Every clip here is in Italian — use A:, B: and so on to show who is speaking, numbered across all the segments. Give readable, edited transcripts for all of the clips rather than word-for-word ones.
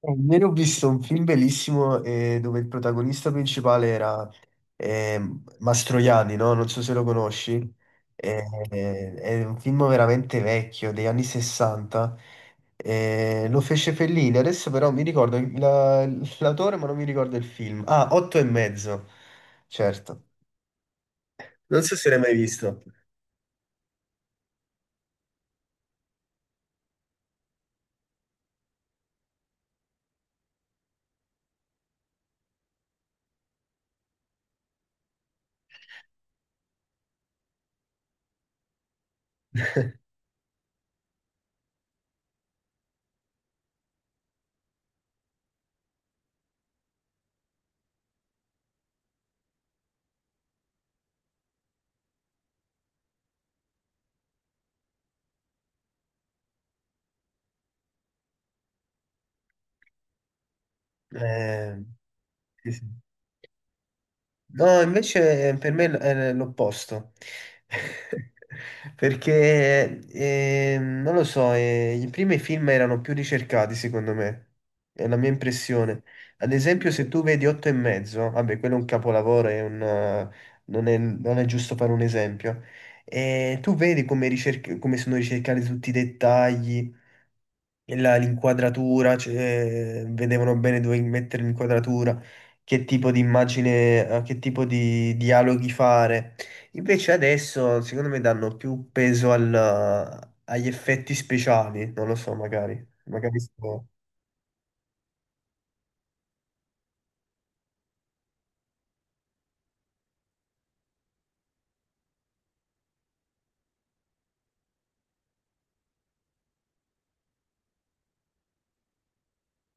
A: Ieri ho visto un film bellissimo, dove il protagonista principale era Mastroianni, no? Non so se lo conosci. Eh, è un film veramente vecchio, degli anni 60. Lo fece Fellini, adesso però mi ricordo l'autore, ma non mi ricordo il film. Ah, Otto e mezzo, certo. Non so se l'hai mai visto. Eh, sì, sì. No, invece per me è l'opposto. Perché, non lo so, i primi film erano più ricercati, secondo me. È la mia impressione. Ad esempio, se tu vedi Otto e mezzo, vabbè, quello è un capolavoro, è un, non è giusto fare un esempio. E tu vedi come sono ricercati tutti i dettagli, l'inquadratura, cioè, vedevano bene dove mettere l'inquadratura, che tipo di immagine, che tipo di dialoghi fare. Invece adesso, secondo me, danno più peso agli effetti speciali, non lo so, magari. Magari.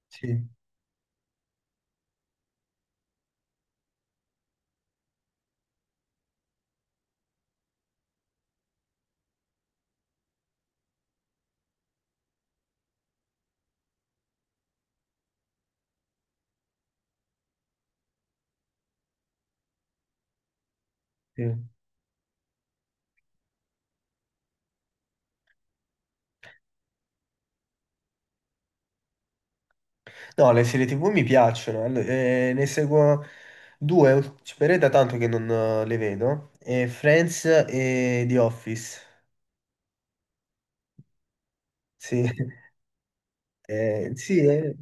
A: Sì, sì. No, le serie TV mi piacciono, ne seguo due, però è da tanto che non le vedo, Friends e The Office. Sì, sì, eh.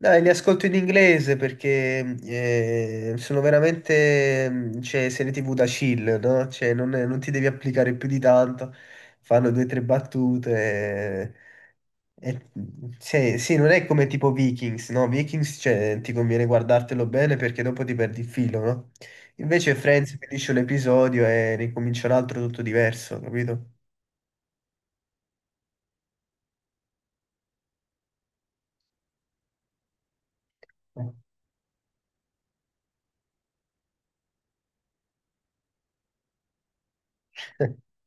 A: Dai, li ascolto in inglese perché sono veramente, cioè, serie TV da chill, no? Cioè, non, non ti devi applicare più di tanto, fanno due o tre battute. e- e- sì, sì, non è come tipo Vikings, no? Vikings, cioè, ti conviene guardartelo bene perché dopo ti perdi il filo, no? Invece Friends finisce un episodio e ricomincia un altro tutto diverso, capito?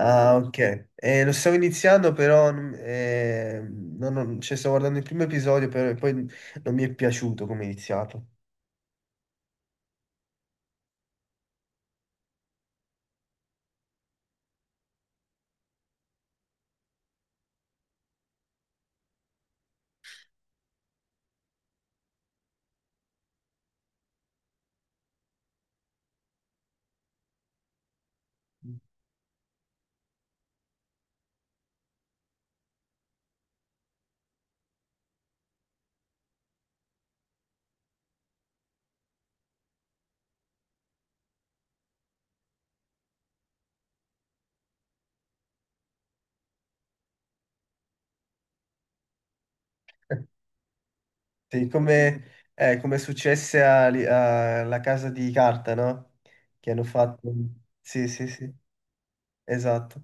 A: Ah, ok. Lo stavo iniziando, però, cioè, stavo guardando il primo episodio, però poi non mi è piaciuto come è iniziato. Sì, come, come è successe alla Casa di Carta, no? Che hanno fatto... Sì, sì, sì. Esatto.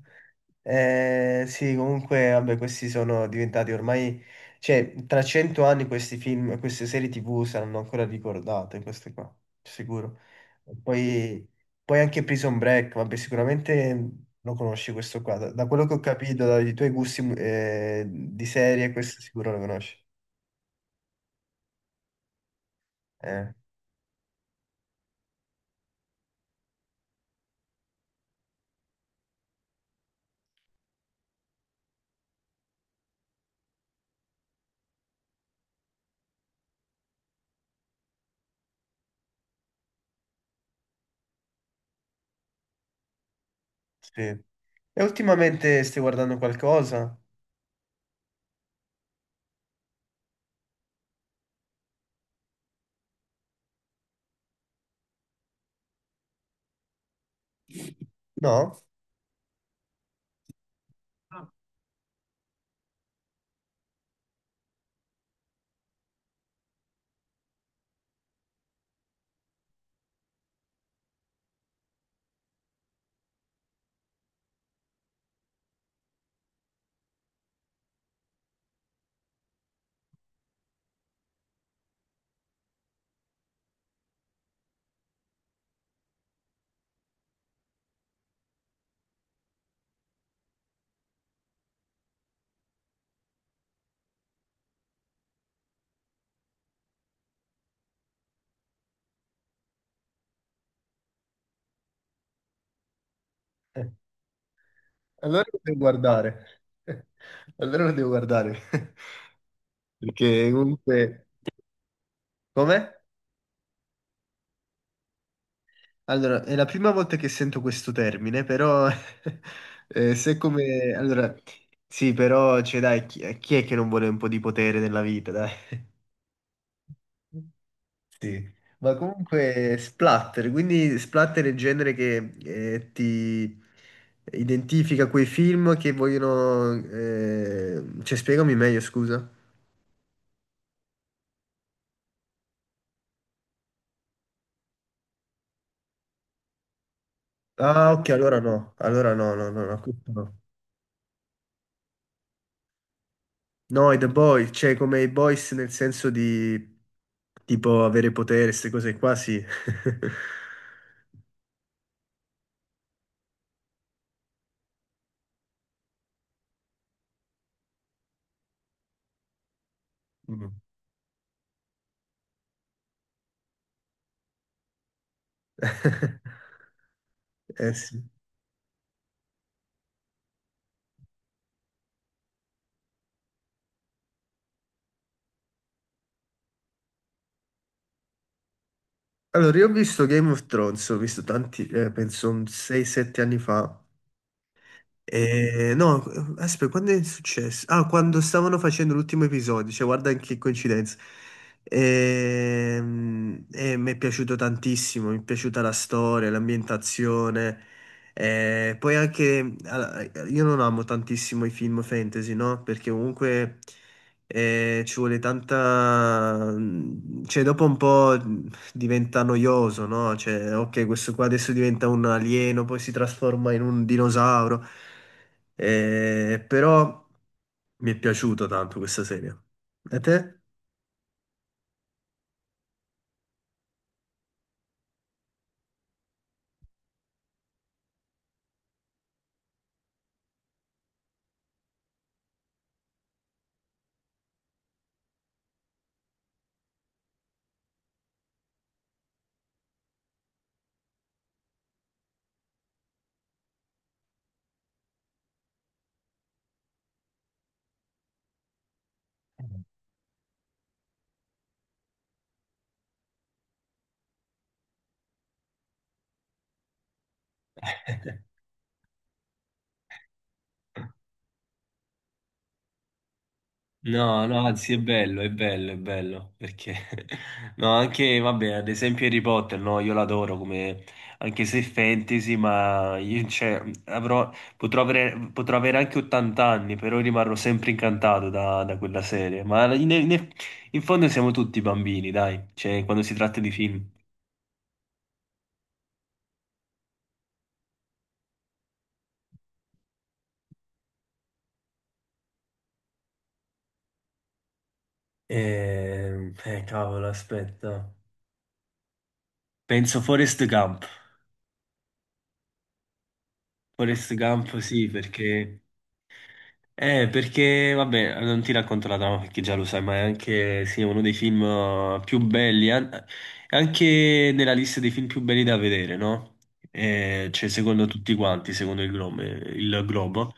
A: Sì, comunque, vabbè, questi sono diventati ormai, cioè, tra 100 anni questi film, queste serie TV saranno ancora ricordate, queste qua, sicuro. E poi anche Prison Break, vabbè, sicuramente lo conosci questo qua. Da quello che ho capito, dai tuoi gusti, di serie, questo sicuro lo conosci. Eh, sì. E ultimamente stai guardando qualcosa? No? Allora lo devo guardare. Allora lo devo guardare. Perché comunque... Come? Allora, è la prima volta che sento questo termine, però... se come... Allora, sì, però, cioè, dai, chi è che non vuole un po' di potere nella vita, dai? Sì, ma comunque splatter, quindi splatter è il genere che ti identifica quei film che vogliono... Cioè, spiegami meglio, scusa. Ah, ok, allora no, no, no, no, questo no. No, i The Boys, cioè come i Boys nel senso di tipo avere potere, queste cose qua, sì. Mm. Eh sì. Allora, io ho visto Game of Thrones, ho visto tanti, penso un 6-7 anni fa. No, aspetta, quando è successo? Ah, quando stavano facendo l'ultimo episodio, cioè guarda che coincidenza. Mi è piaciuto tantissimo, mi è piaciuta la storia, l'ambientazione. Poi anche, allora, io non amo tantissimo i film fantasy, no? Perché comunque ci vuole tanta... Cioè, dopo un po' diventa noioso, no? Cioè, ok, questo qua adesso diventa un alieno, poi si trasforma in un dinosauro. Però mi è piaciuto tanto questa serie. E te? No, no, anzi è bello, è bello, è bello, perché no, anche, vabbè, ad esempio Harry Potter, no, io l'adoro come, anche se è fantasy, ma io, cioè, avrò, potrò avere anche 80 anni, però rimarrò sempre incantato da quella serie, ma in fondo siamo tutti bambini, dai, cioè, quando si tratta di film. Cavolo, aspetta. Penso Forrest Gump. Forrest Gump, sì, perché, vabbè, non ti racconto la trama perché già lo sai, ma è anche, sì, uno dei film più belli, è anche nella lista dei film più belli da vedere, no? Cioè, secondo tutti quanti, secondo il Globo. Il Globo.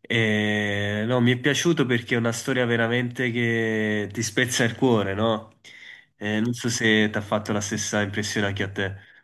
A: No, mi è piaciuto perché è una storia veramente che ti spezza il cuore, no? Non so se ti ha fatto la stessa impressione anche a te.